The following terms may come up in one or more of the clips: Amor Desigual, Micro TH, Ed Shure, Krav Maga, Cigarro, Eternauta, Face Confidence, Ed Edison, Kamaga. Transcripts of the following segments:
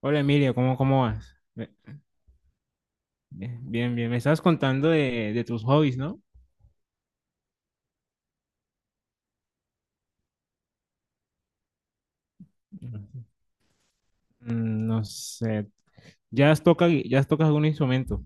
Hola Emilio, ¿cómo vas? Bien, bien, me estabas contando de tus hobbies, ¿no? No sé, ¿ya has tocado algún instrumento?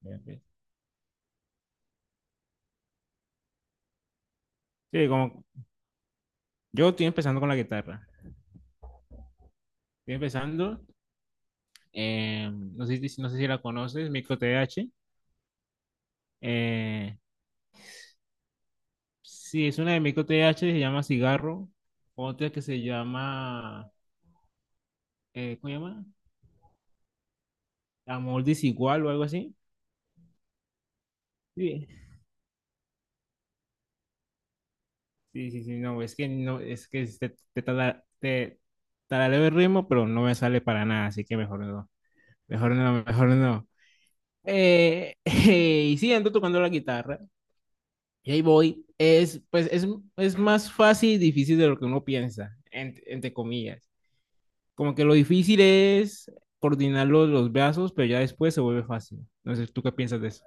Bien, bien. Sí, como yo estoy empezando con la guitarra, estoy empezando, no sé, no sé si la conoces, Micro TH. eh, sí, es una de Micro TH, se llama Cigarro. Otra que se llama, ¿cómo se llama? Amor Desigual o algo así. Sí, sí, sí, sí, no, es que no, es que te tarareo el ritmo, pero no me sale para nada, así que mejor no, mejor no, mejor no. Y sí, ando tocando la guitarra, y ahí voy. Es, pues, es más fácil y difícil de lo que uno piensa, entre comillas. Como que lo difícil es coordinar los brazos, pero ya después se vuelve fácil. No sé, ¿tú qué piensas de eso?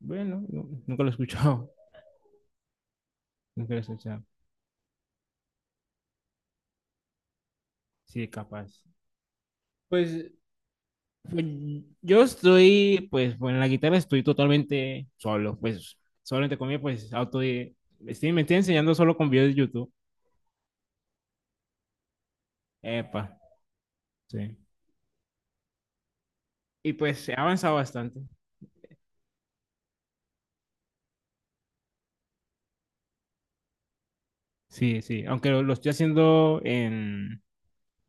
Bueno, nunca lo he escuchado, nunca lo he escuchado. Sí, capaz. Pues Pues, yo estoy, pues, bueno, en la guitarra estoy totalmente solo, pues, solamente conmigo pues, auto estoy, me estoy enseñando solo con videos de YouTube. Epa, sí. Y pues he avanzado bastante. Sí, sí, aunque lo estoy haciendo en,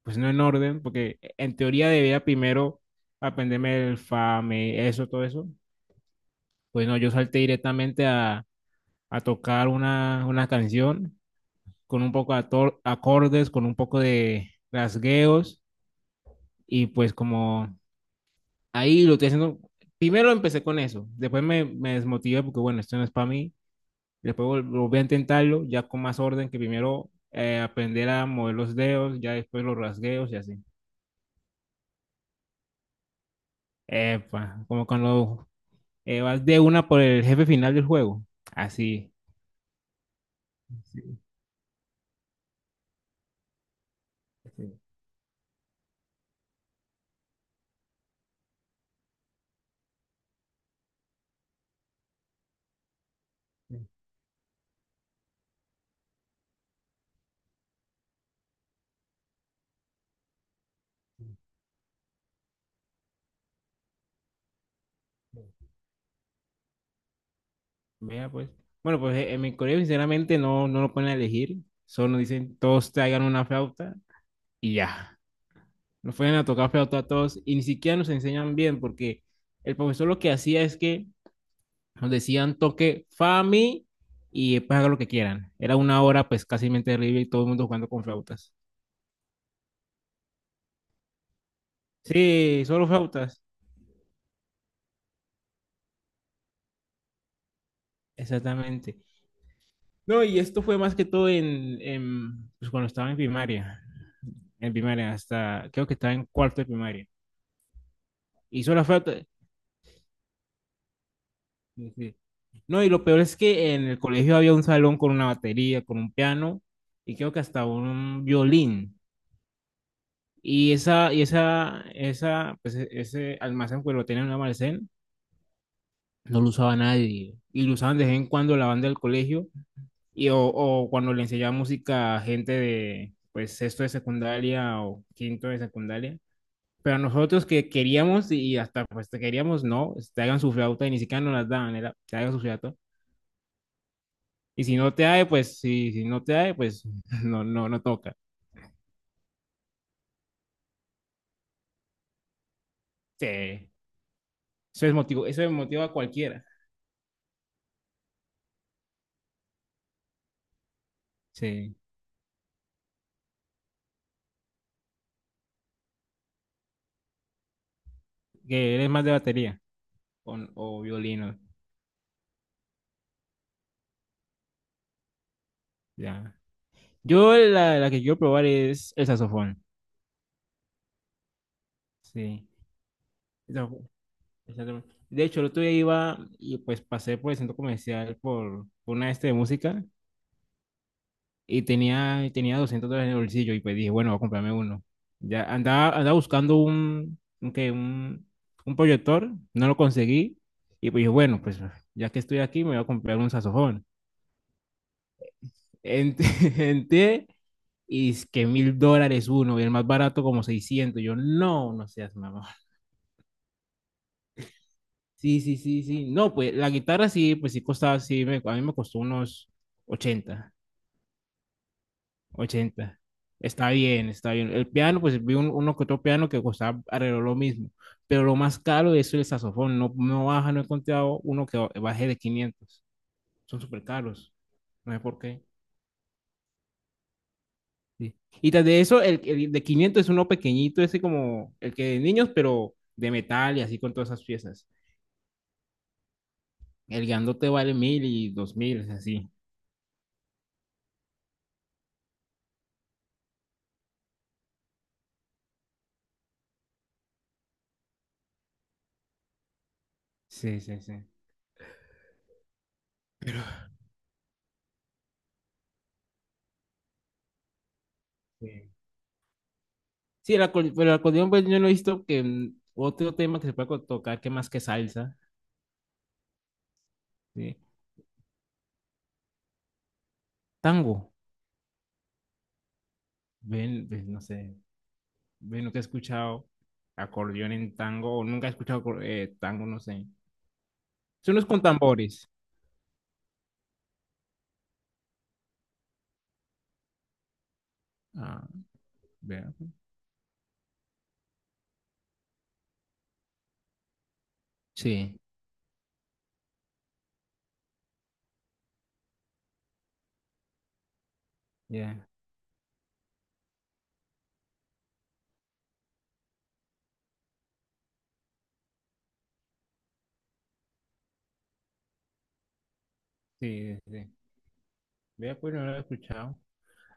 pues, no en orden, porque en teoría debía primero aprenderme el fa, me, eso, todo eso. Pues no, yo salté directamente a tocar una canción con un poco de acordes, con un poco de rasgueos. Y pues como ahí lo estoy haciendo, primero empecé con eso, después me desmotivé porque bueno, esto no es para mí, después volví a intentarlo ya con más orden, que primero, aprender a mover los dedos, ya después los rasgueos y así. Epa, como cuando, vas de una por el jefe final del juego, así. Sí, sí, sí, sí, sí. Vea, pues. Bueno, pues, en mi colegio sinceramente no lo ponen a elegir, solo nos dicen todos traigan una flauta y ya. Nos fueron a tocar flauta a todos y ni siquiera nos enseñan bien porque el profesor lo que hacía es que nos decían toque Fami y después haga lo que quieran. Era una hora pues casi terrible y todo el mundo jugando con flautas. Sí, solo flautas, exactamente. No, y esto fue más que todo en pues, cuando estaba en primaria hasta creo que estaba en cuarto de primaria. Y solo flauta. Sí, sí. No, y lo peor es que en el colegio había un salón con una batería, con un piano y creo que hasta un violín. Pues, ese almacén, pues lo tenía en un almacén, no lo usaba nadie. Y lo usaban de vez en cuando la banda del colegio y, o cuando le enseñaba música a gente de, pues, sexto de secundaria o quinto de secundaria. Pero a nosotros que queríamos y hasta pues te queríamos, no, pues, te hagan su flauta y ni siquiera nos las daban, era, te hagan su flauta. Y si no te hay, pues si no te hay, pues no, no, no toca. Sí. Eso es motivo a cualquiera. Sí. Que eres más de batería o violino. Ya. Yo la que quiero probar es el saxofón. Sí. El saxofón, el saxofón. De hecho, el otro día iba y pues pasé por el centro comercial por una este de música, y tenía $200 en el bolsillo y pues dije, bueno, voy a comprarme uno. Ya andaba buscando un proyector, no lo conseguí y pues dije, bueno, pues, ya que estoy aquí me voy a comprar un saxofón. Ent- Entré y es que $1.000 uno, y el más barato como 600. Yo, no, no seas mamá. Sí, sí, sí, sí. No, pues la guitarra sí, pues sí costaba, sí, a mí me costó unos 80 ochenta. Está bien, está bien. El piano, pues vi uno que otro piano que costaba alrededor lo mismo, pero lo más caro es el saxofón. No, no baja, no he encontrado uno que baje de 500. Son súper caros. No sé por qué. Sí. Y tras de eso, el de 500 es uno pequeñito, ese como el que de niños, pero de metal y así con todas esas piezas. El grandote vale 1.000, y 2.000, es así. Sí, sí, sí. Sí, sí, pero el acordeón, pues yo no he visto, que, otro tema que se pueda tocar que más que salsa. Sí. Tango. Ven, ven, no sé. Ven, nunca he escuchado acordeón en tango, o nunca he escuchado tango, no sé. Son los con tambores. Ah, vea. Sí, ya. Sí, sí, sí. Vea, pues no lo he escuchado.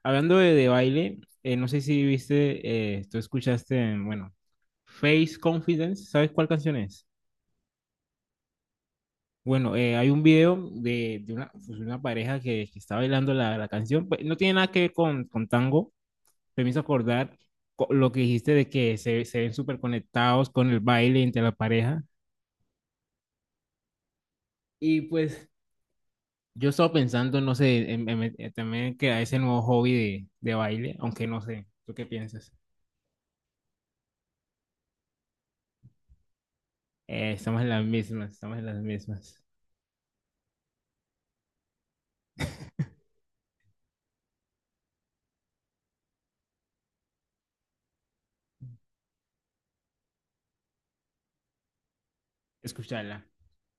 Hablando de baile, no sé si viste, tú escuchaste, bueno, Face Confidence, ¿sabes cuál canción es? Bueno, hay un video de una, pues, una pareja que está bailando la canción, pues, no tiene nada que ver con tango. Me hizo acordar, lo que dijiste de que se ven súper conectados con el baile entre la pareja. Y pues yo estaba pensando, no sé, también que a ese nuevo hobby de baile, aunque no sé, ¿tú qué piensas? Estamos en las mismas, estamos en las mismas. Escucharla.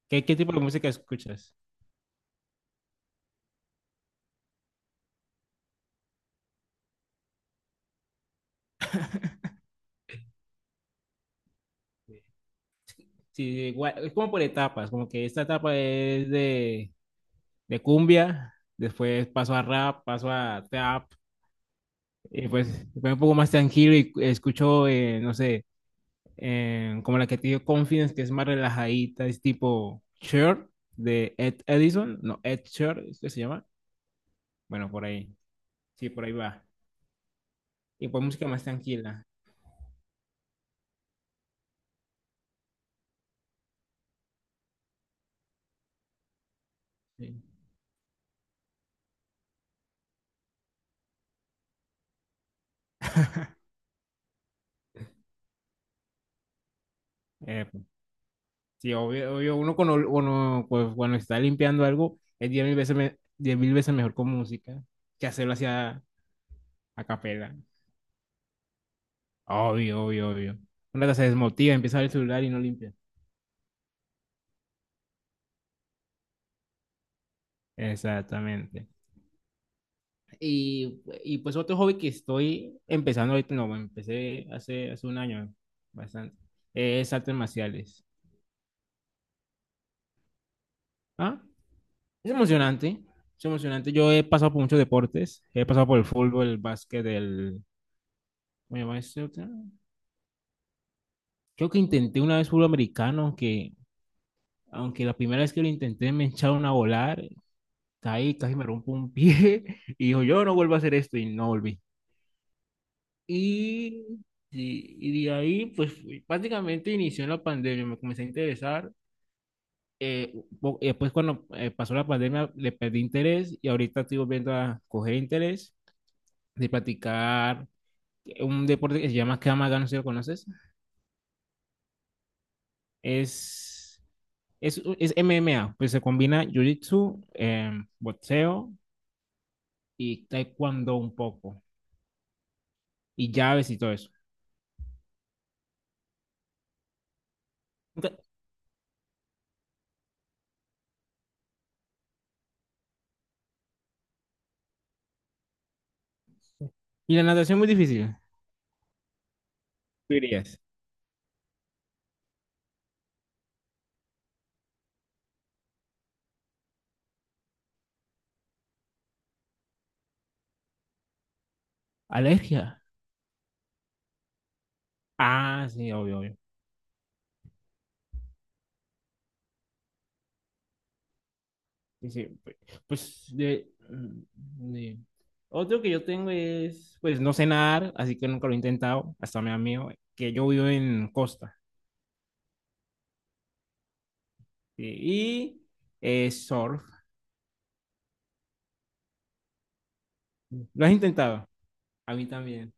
¿Qué tipo de música escuchas? Sí, sí, igual, es como por etapas, como que esta etapa es de cumbia, después paso a rap, paso a trap, y pues me pongo un poco más tranquilo y escucho, no sé, como la que te dio Confidence, que es más relajadita, es tipo Sure de Ed Edison, no, Ed Shure, ¿es que se llama? Bueno, por ahí, sí, por ahí va. Y pues música más tranquila. Sí. Pues, sí, obvio, obvio, uno, pues, cuando está limpiando algo, es 10.000 veces, 10.000 veces mejor con música que hacerlo hacia a capela. Obvio, obvio, obvio. Una que se desmotiva, empieza a ver el celular y no limpia. Exactamente. Y, pues, otro hobby que estoy empezando ahorita, no, bueno, empecé hace un año, bastante, es artes marciales. ¿Ah? Es emocionante, es emocionante. Yo he pasado por muchos deportes, he pasado por el fútbol, el básquet, el... ¿Cómo se llama este otro? Creo que intenté una vez fútbol americano, aunque la primera vez que lo intenté me echaron a volar, caí, casi me rompo un pie. Y dijo, yo no vuelvo a hacer esto, y no volví. Y sí, y de ahí, pues, prácticamente inició la pandemia, me comencé a interesar. Eh, po- eh, después, cuando, pasó la pandemia, le perdí interés, y ahorita estoy volviendo a coger interés de practicar un deporte que se llama Kamaga, no sé si lo conoces. Es, es MMA, pues se combina jiu-jitsu, boxeo y taekwondo un poco, y llaves y todo eso. Nunca- Y la natación es muy difícil, tú dirías. Alergia. Ah, sí, obvio, obvio. Dice, pues, de- otro que yo tengo es, pues, no sé nadar, así que nunca lo he intentado, hasta me da miedo, que yo vivo en Costa. ¿Sí? Y, surf, ¿lo has intentado? A mí también,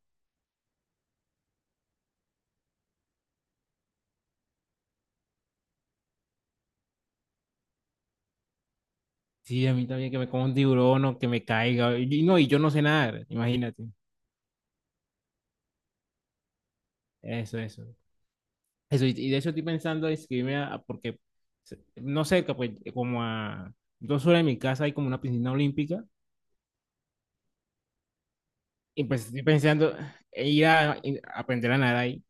sí, a mí también, que me coma un tiburón o que me caiga, y no, y yo no sé nadar, imagínate. Eso, eso, eso, y de eso estoy pensando inscribirme, porque, no cerca, pues, como a 2 horas de mi casa hay como una piscina olímpica, y pues estoy pensando en ir a, en aprender a nadar ahí.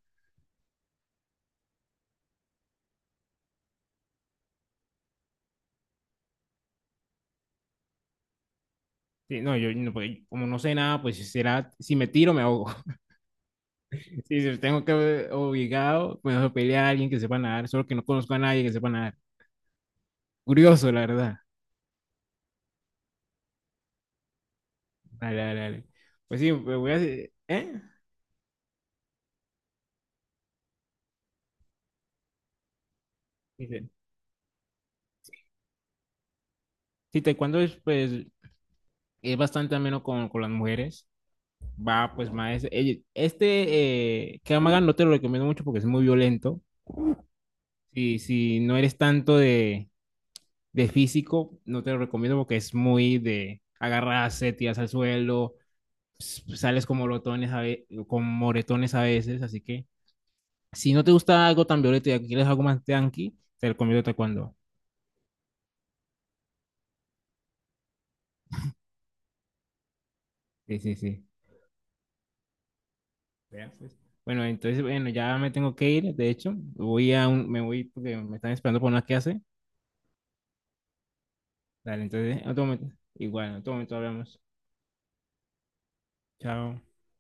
Sí, no, yo no, porque como no sé nada, pues si será, si me tiro, me ahogo. Sí. Si tengo que obligado, me voy a pedirle a alguien que sepa nadar, solo que no conozco a nadie que sepa nadar. Curioso, la verdad. Dale, dale, dale. Pues sí, me voy a hacer- ¿eh? Dice, sí, taekwondo es, pues, es bastante ameno con, las mujeres. Va, pues, más. Krav Maga no te lo recomiendo mucho porque es muy violento. Si no eres tanto de físico, no te lo recomiendo, porque es muy de agarrarse, tiras al suelo, sales con moretones a, con moretones a veces, así que si no te gusta algo tan violento y quieres algo más tranqui, te recomiendo taekwondo. Sí, sí, sí. Vea, pues. Bueno, entonces, bueno, ya me tengo que ir, de hecho, me voy porque me están esperando por una clase. Dale, entonces, en otro momento, igual, en otro momento hablamos. Chao.